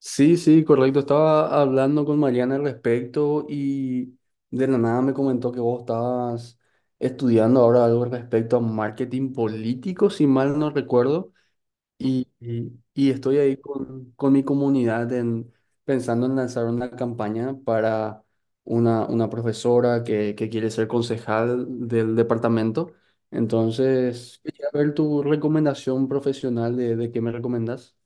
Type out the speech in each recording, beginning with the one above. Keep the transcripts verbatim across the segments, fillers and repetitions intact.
Sí, sí, correcto. Estaba hablando con Mariana al respecto y de la nada me comentó que vos estabas estudiando ahora algo respecto a marketing político, si mal no recuerdo, y, y- y estoy ahí con, con mi comunidad en, pensando en lanzar una campaña para una, una profesora que, que quiere ser concejal del departamento. Entonces, quería ver tu recomendación profesional de, de qué me recomendás.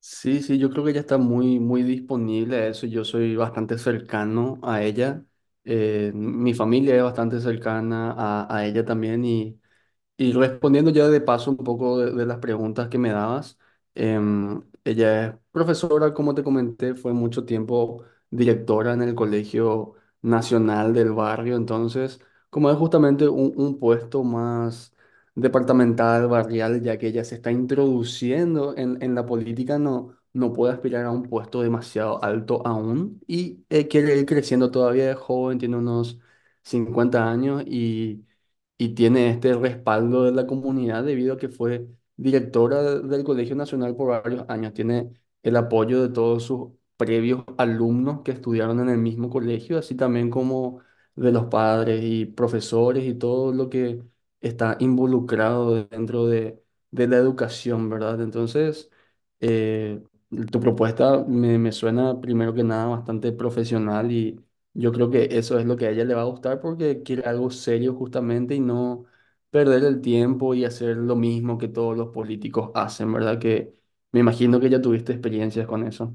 Sí, sí, yo creo que ella está muy, muy disponible a eso. Yo soy bastante cercano a ella. Eh, mi familia es bastante cercana a, a ella también y y respondiendo ya de paso un poco de, de las preguntas que me dabas, em, ella es profesora, como te comenté, fue mucho tiempo directora en el Colegio Nacional del Barrio. Entonces, como es justamente un, un puesto más departamental, barrial, ya que ella se está introduciendo en, en la política, no, no puede aspirar a un puesto demasiado alto aún y eh, quiere ir creciendo todavía, es joven, tiene unos cincuenta años y y tiene este respaldo de la comunidad debido a que fue directora del Colegio Nacional por varios años. Tiene el apoyo de todos sus previos alumnos que estudiaron en el mismo colegio, así también como de los padres y profesores y todo lo que está involucrado dentro de, de la educación, ¿verdad? Entonces, eh, tu propuesta me, me suena primero que nada bastante profesional y yo creo que eso es lo que a ella le va a gustar porque quiere algo serio justamente y no perder el tiempo y hacer lo mismo que todos los políticos hacen, ¿verdad? Que me imagino que ya tuviste experiencias con eso.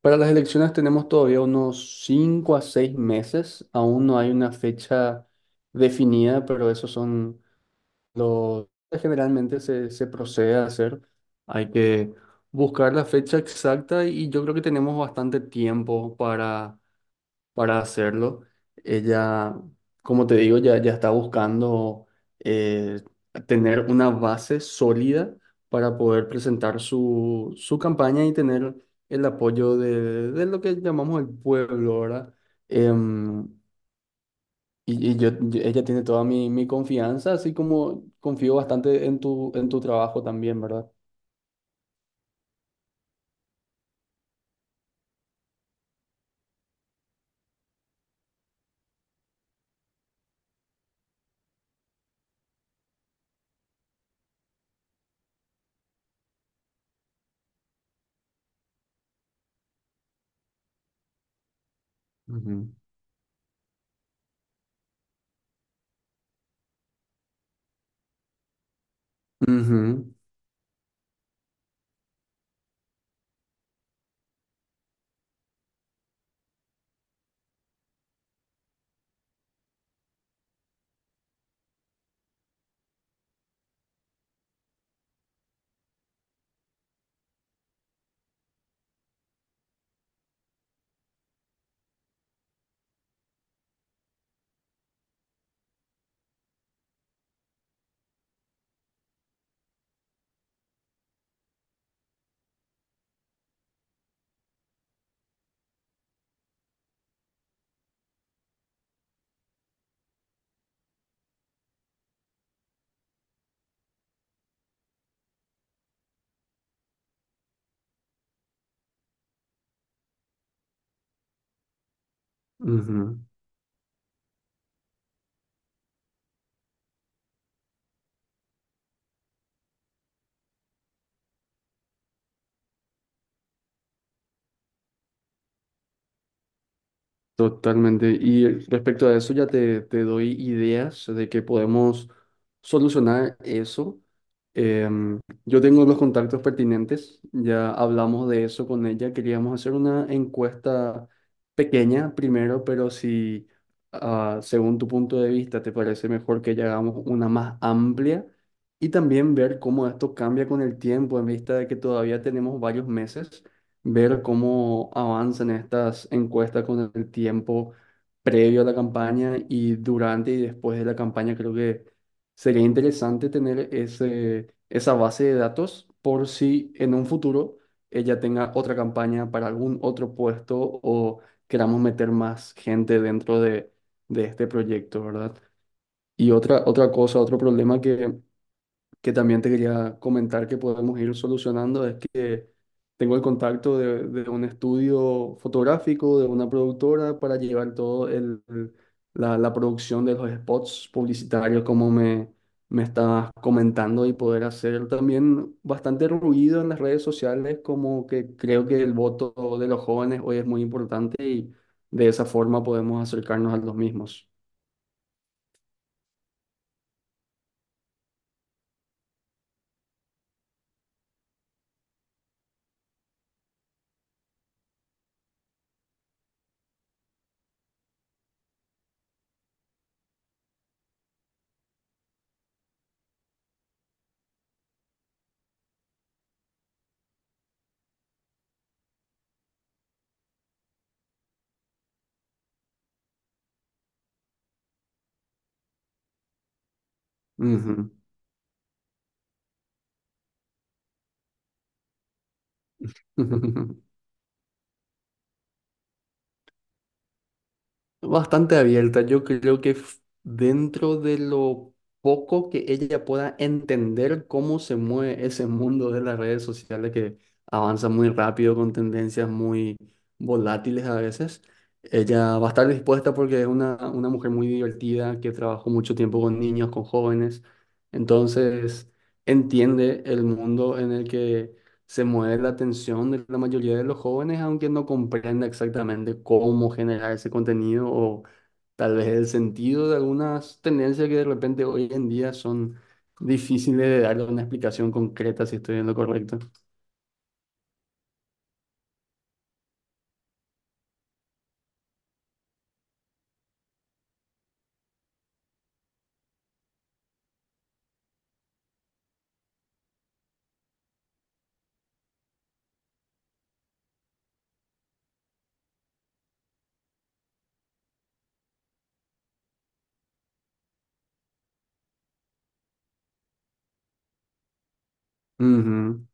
Para las elecciones tenemos todavía unos cinco a seis meses, aún no hay una fecha definida, pero esos son los que generalmente se, se procede a hacer. Hay que buscar la fecha exacta y yo creo que tenemos bastante tiempo para para hacerlo. Ella, como te digo, ya, ya está buscando eh, tener una base sólida para poder presentar su, su campaña y tener el apoyo de, de lo que llamamos el pueblo, ¿verdad? Em, y, y yo, yo- ella tiene toda mi, mi confianza, así como confío bastante en tu, en tu trabajo también, ¿verdad? Ujú. Ujú, ujú. Totalmente. Y eh, respecto a eso, ya te, te doy ideas de que podemos solucionar eso. Em, yo tengo los contactos pertinentes, ya hablamos de eso con ella. Queríamos hacer una encuesta pequeña primero, pero si ah, según tu punto de vista te parece mejor que ya hagamos una más amplia y también ver cómo esto cambia con el tiempo en vista de que todavía tenemos varios meses, ver cómo avanzan estas encuestas con el tiempo previo a la campaña y durante y después de la campaña. Creo que sería interesante tener ese, esa base de datos por si en un futuro ella tenga otra campaña para algún otro puesto o queramos meter más gente dentro de, de este proyecto, ¿verdad? Y otra, otra cosa, otro problema que que también te quería comentar que podemos ir solucionando es que tengo el contacto de, de un estudio fotográfico, de una productora, para llevar todo el, la, la producción de los spots publicitarios, como me, me estabas comentando, y poder hacer también bastante ruido en las redes sociales, como que creo que el voto de los jóvenes hoy es muy importante y de esa forma podemos acercarnos a los mismos. Ujú. Bastante abierta. Yo creo que f- dentro de lo poco que ella pueda entender cómo se mueve ese mundo de las redes sociales, que avanza muy rápido con tendencias muy volátiles a veces, ella va a estar dispuesta porque es una, una mujer muy divertida que trabajó mucho tiempo con niños, con jóvenes. Entonces, entiende el mundo en el que se mueve la atención de la mayoría de los jóvenes, aunque no comprenda exactamente cómo generar ese contenido o tal vez el sentido de algunas tendencias que de repente hoy en día son difíciles de darle una explicación concreta, si estoy en lo correcto. Ujú.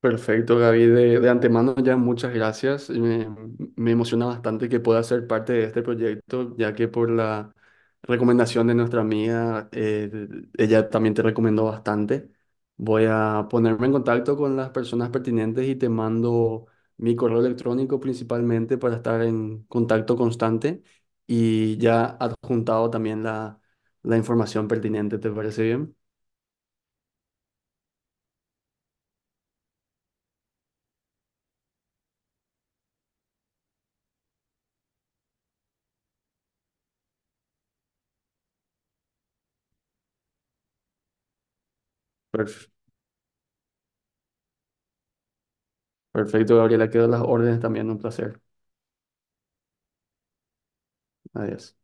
Perfecto, Gaby. De, de antemano ya muchas gracias. Me, me emociona bastante que pueda ser parte de este proyecto, ya que por la recomendación de nuestra amiga, eh, ella también te recomendó bastante. Voy a ponerme en contacto con las personas pertinentes y te mando mi correo electrónico principalmente para estar en contacto constante y ya adjuntado también la, la información pertinente. ¿Te parece bien? Perf- perfecto, Gabriela. Quedan las órdenes también. Un placer. Adiós.